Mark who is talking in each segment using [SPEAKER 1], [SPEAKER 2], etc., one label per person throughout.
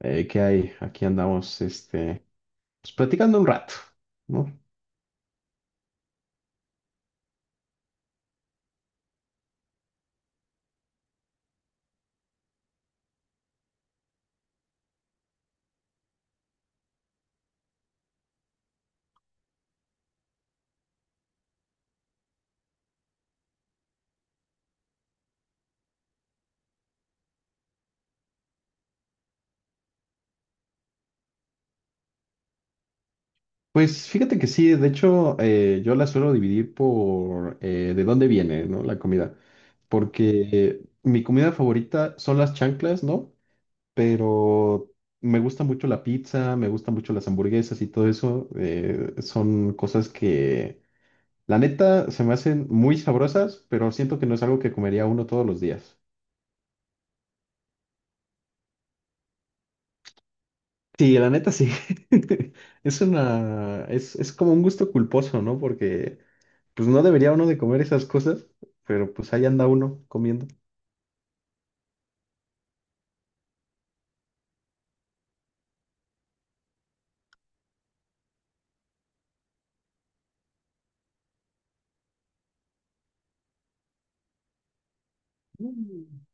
[SPEAKER 1] ¿Qué hay? Aquí andamos, platicando un rato, ¿no? Pues fíjate que sí, de hecho, yo la suelo dividir por de dónde viene, ¿no? La comida. Porque mi comida favorita son las chanclas, ¿no? Pero me gusta mucho la pizza, me gustan mucho las hamburguesas y todo eso. Son la neta, se me hacen muy sabrosas, pero siento que no es algo que comería uno todos los días. Sí, la neta sí. Es como un gusto culposo, ¿no? Porque pues no debería uno de comer esas cosas, pero pues ahí anda uno comiendo. Mm.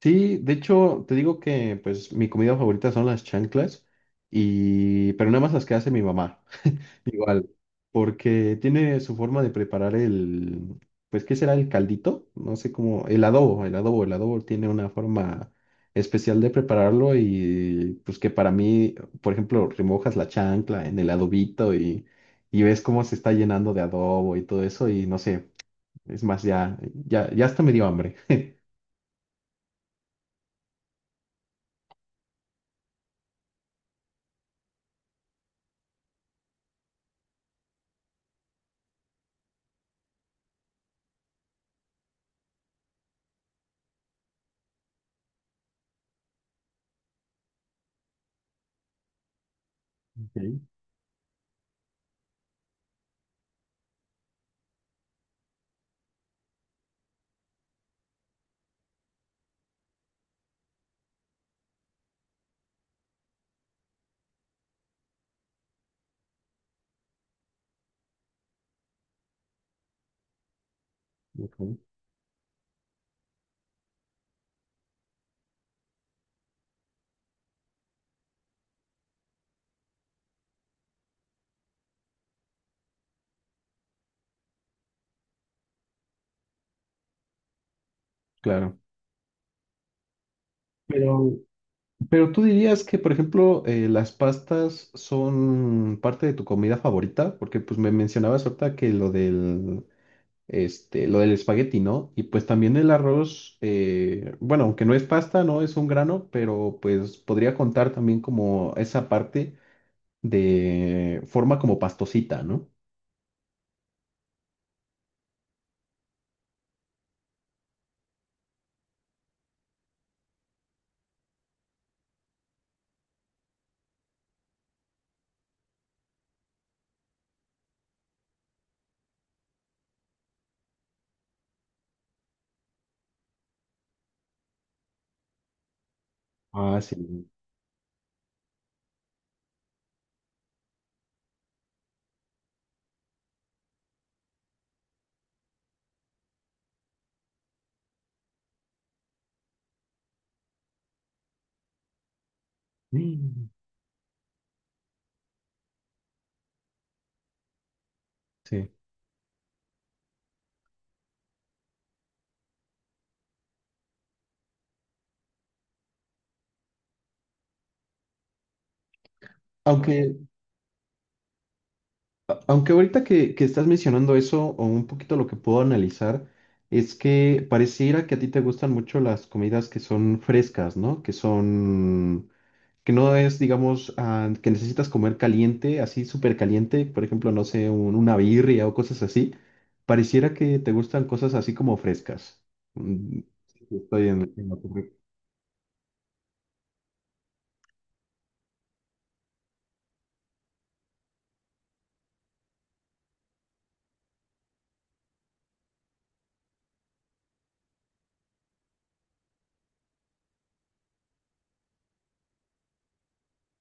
[SPEAKER 1] Sí, de hecho, te digo que pues mi comida favorita son las chanclas y pero nada más las que hace mi mamá. Igual, porque tiene su forma de preparar el, ¿qué será el caldito? No sé cómo, el adobo tiene una forma especial de prepararlo y pues que para mí, por ejemplo, remojas la chancla en el adobito y ves cómo se está llenando de adobo y todo eso y no sé, es más, ya hasta me dio hambre. Ok, ok. Claro. Pero Pero tú dirías que, por ejemplo, las pastas son parte de tu comida favorita, porque pues me mencionabas ahorita que lo del espagueti, ¿no? Y pues también el arroz, bueno, aunque no es pasta, no es un grano, pero pues podría contar también como esa parte de forma como pastosita, ¿no? Ah, sí. Mm. Sí. Ah. Aunque ahorita que estás mencionando eso, o un poquito lo que puedo analizar, es que pareciera que a ti te gustan mucho las comidas que son frescas, ¿no? Que no es, digamos, ah, que necesitas comer caliente, así súper caliente, por ejemplo, no sé, una birria o cosas así. Pareciera que te gustan cosas así como frescas. Mm. Estoy en lo correcto.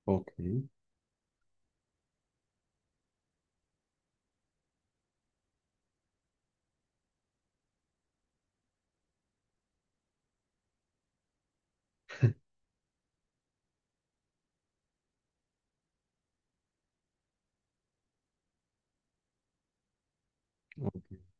[SPEAKER 1] Ok, ok.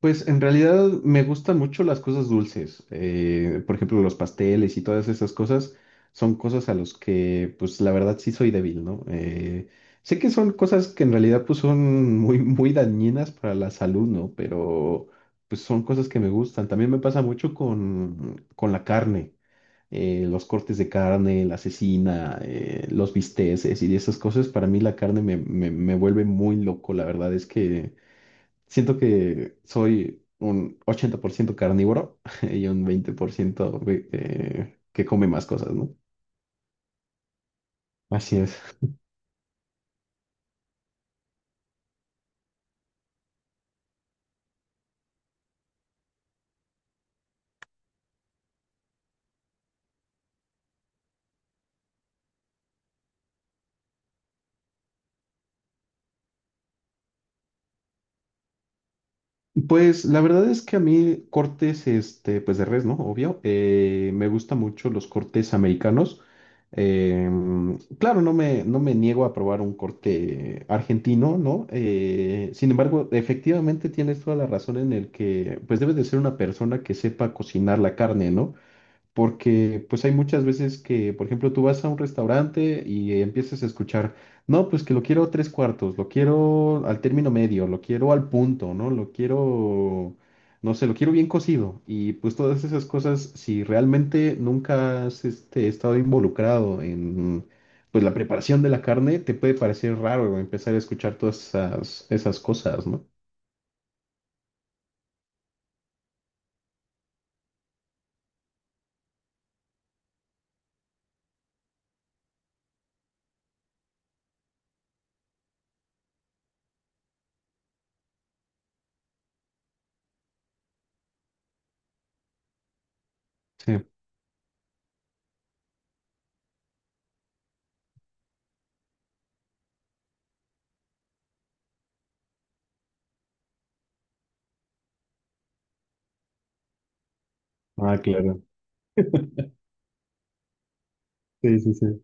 [SPEAKER 1] Pues en realidad me gustan mucho las cosas dulces. Por ejemplo, los pasteles y todas esas cosas son cosas a los que, pues la verdad sí soy débil, ¿no? Sé que son cosas que en realidad pues son muy, muy dañinas para la salud, ¿no? Pero pues son cosas que me gustan. También me pasa mucho con la carne, los cortes de carne, la cecina, los bisteces y esas cosas. Para mí la carne me vuelve muy loco, la verdad es que... Siento que soy un 80% carnívoro y un 20% que come más cosas, ¿no? Así es. Pues la verdad es que a mí cortes, pues de res, ¿no? Obvio. Me gustan mucho los cortes americanos. Claro, no me niego a probar un corte argentino, ¿no? Sin embargo, efectivamente tienes toda la razón en el que, pues debes de ser una persona que sepa cocinar la carne, ¿no? Porque pues hay muchas veces que, por ejemplo, tú vas a un restaurante y empiezas a escuchar, no, pues que lo quiero tres cuartos, lo quiero al término medio, lo quiero al punto, ¿no? Lo quiero, no sé, lo quiero bien cocido. Y pues todas esas cosas, si realmente nunca has estado involucrado en pues la preparación de la carne, te puede parecer raro empezar a escuchar esas cosas, ¿no? Sí. Ah, claro. Sí, sí, sí.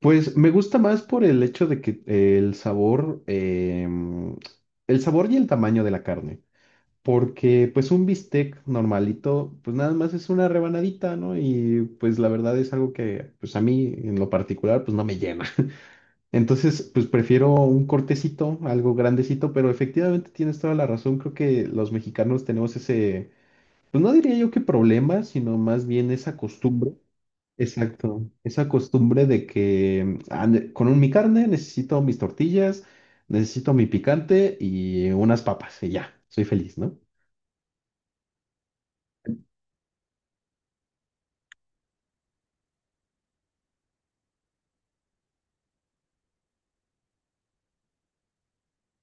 [SPEAKER 1] Pues me gusta más por el hecho de que el sabor, el sabor y el tamaño de la carne, porque pues un bistec normalito, pues nada más es una rebanadita, ¿no? Y pues la verdad es algo que pues a mí en lo particular pues no me llena. Entonces pues prefiero un cortecito, algo grandecito, pero efectivamente tienes toda la razón, creo que los mexicanos tenemos ese, pues no diría yo que problema, sino más bien esa costumbre. Exacto, esa costumbre de que ah, mi carne necesito mis tortillas, necesito mi picante y unas papas y ya, soy feliz, ¿no?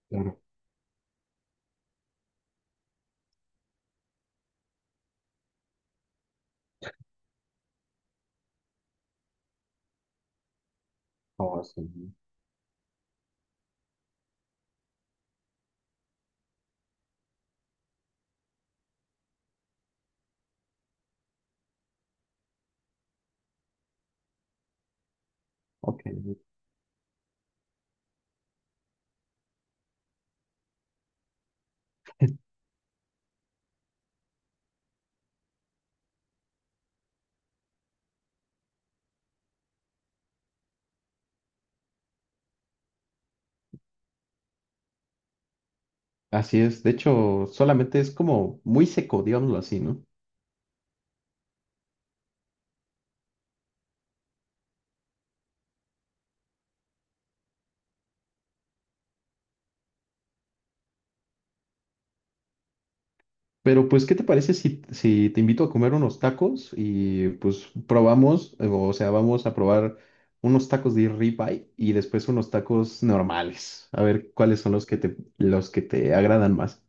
[SPEAKER 1] Claro. No, sí. Ok. Así es, de hecho, solamente es como muy seco, digámoslo así, ¿no? Pero pues, ¿qué te parece si, si te invito a comer unos tacos y pues probamos, o sea, vamos a probar unos tacos de ribeye y después unos tacos normales, a ver cuáles son los que te agradan más.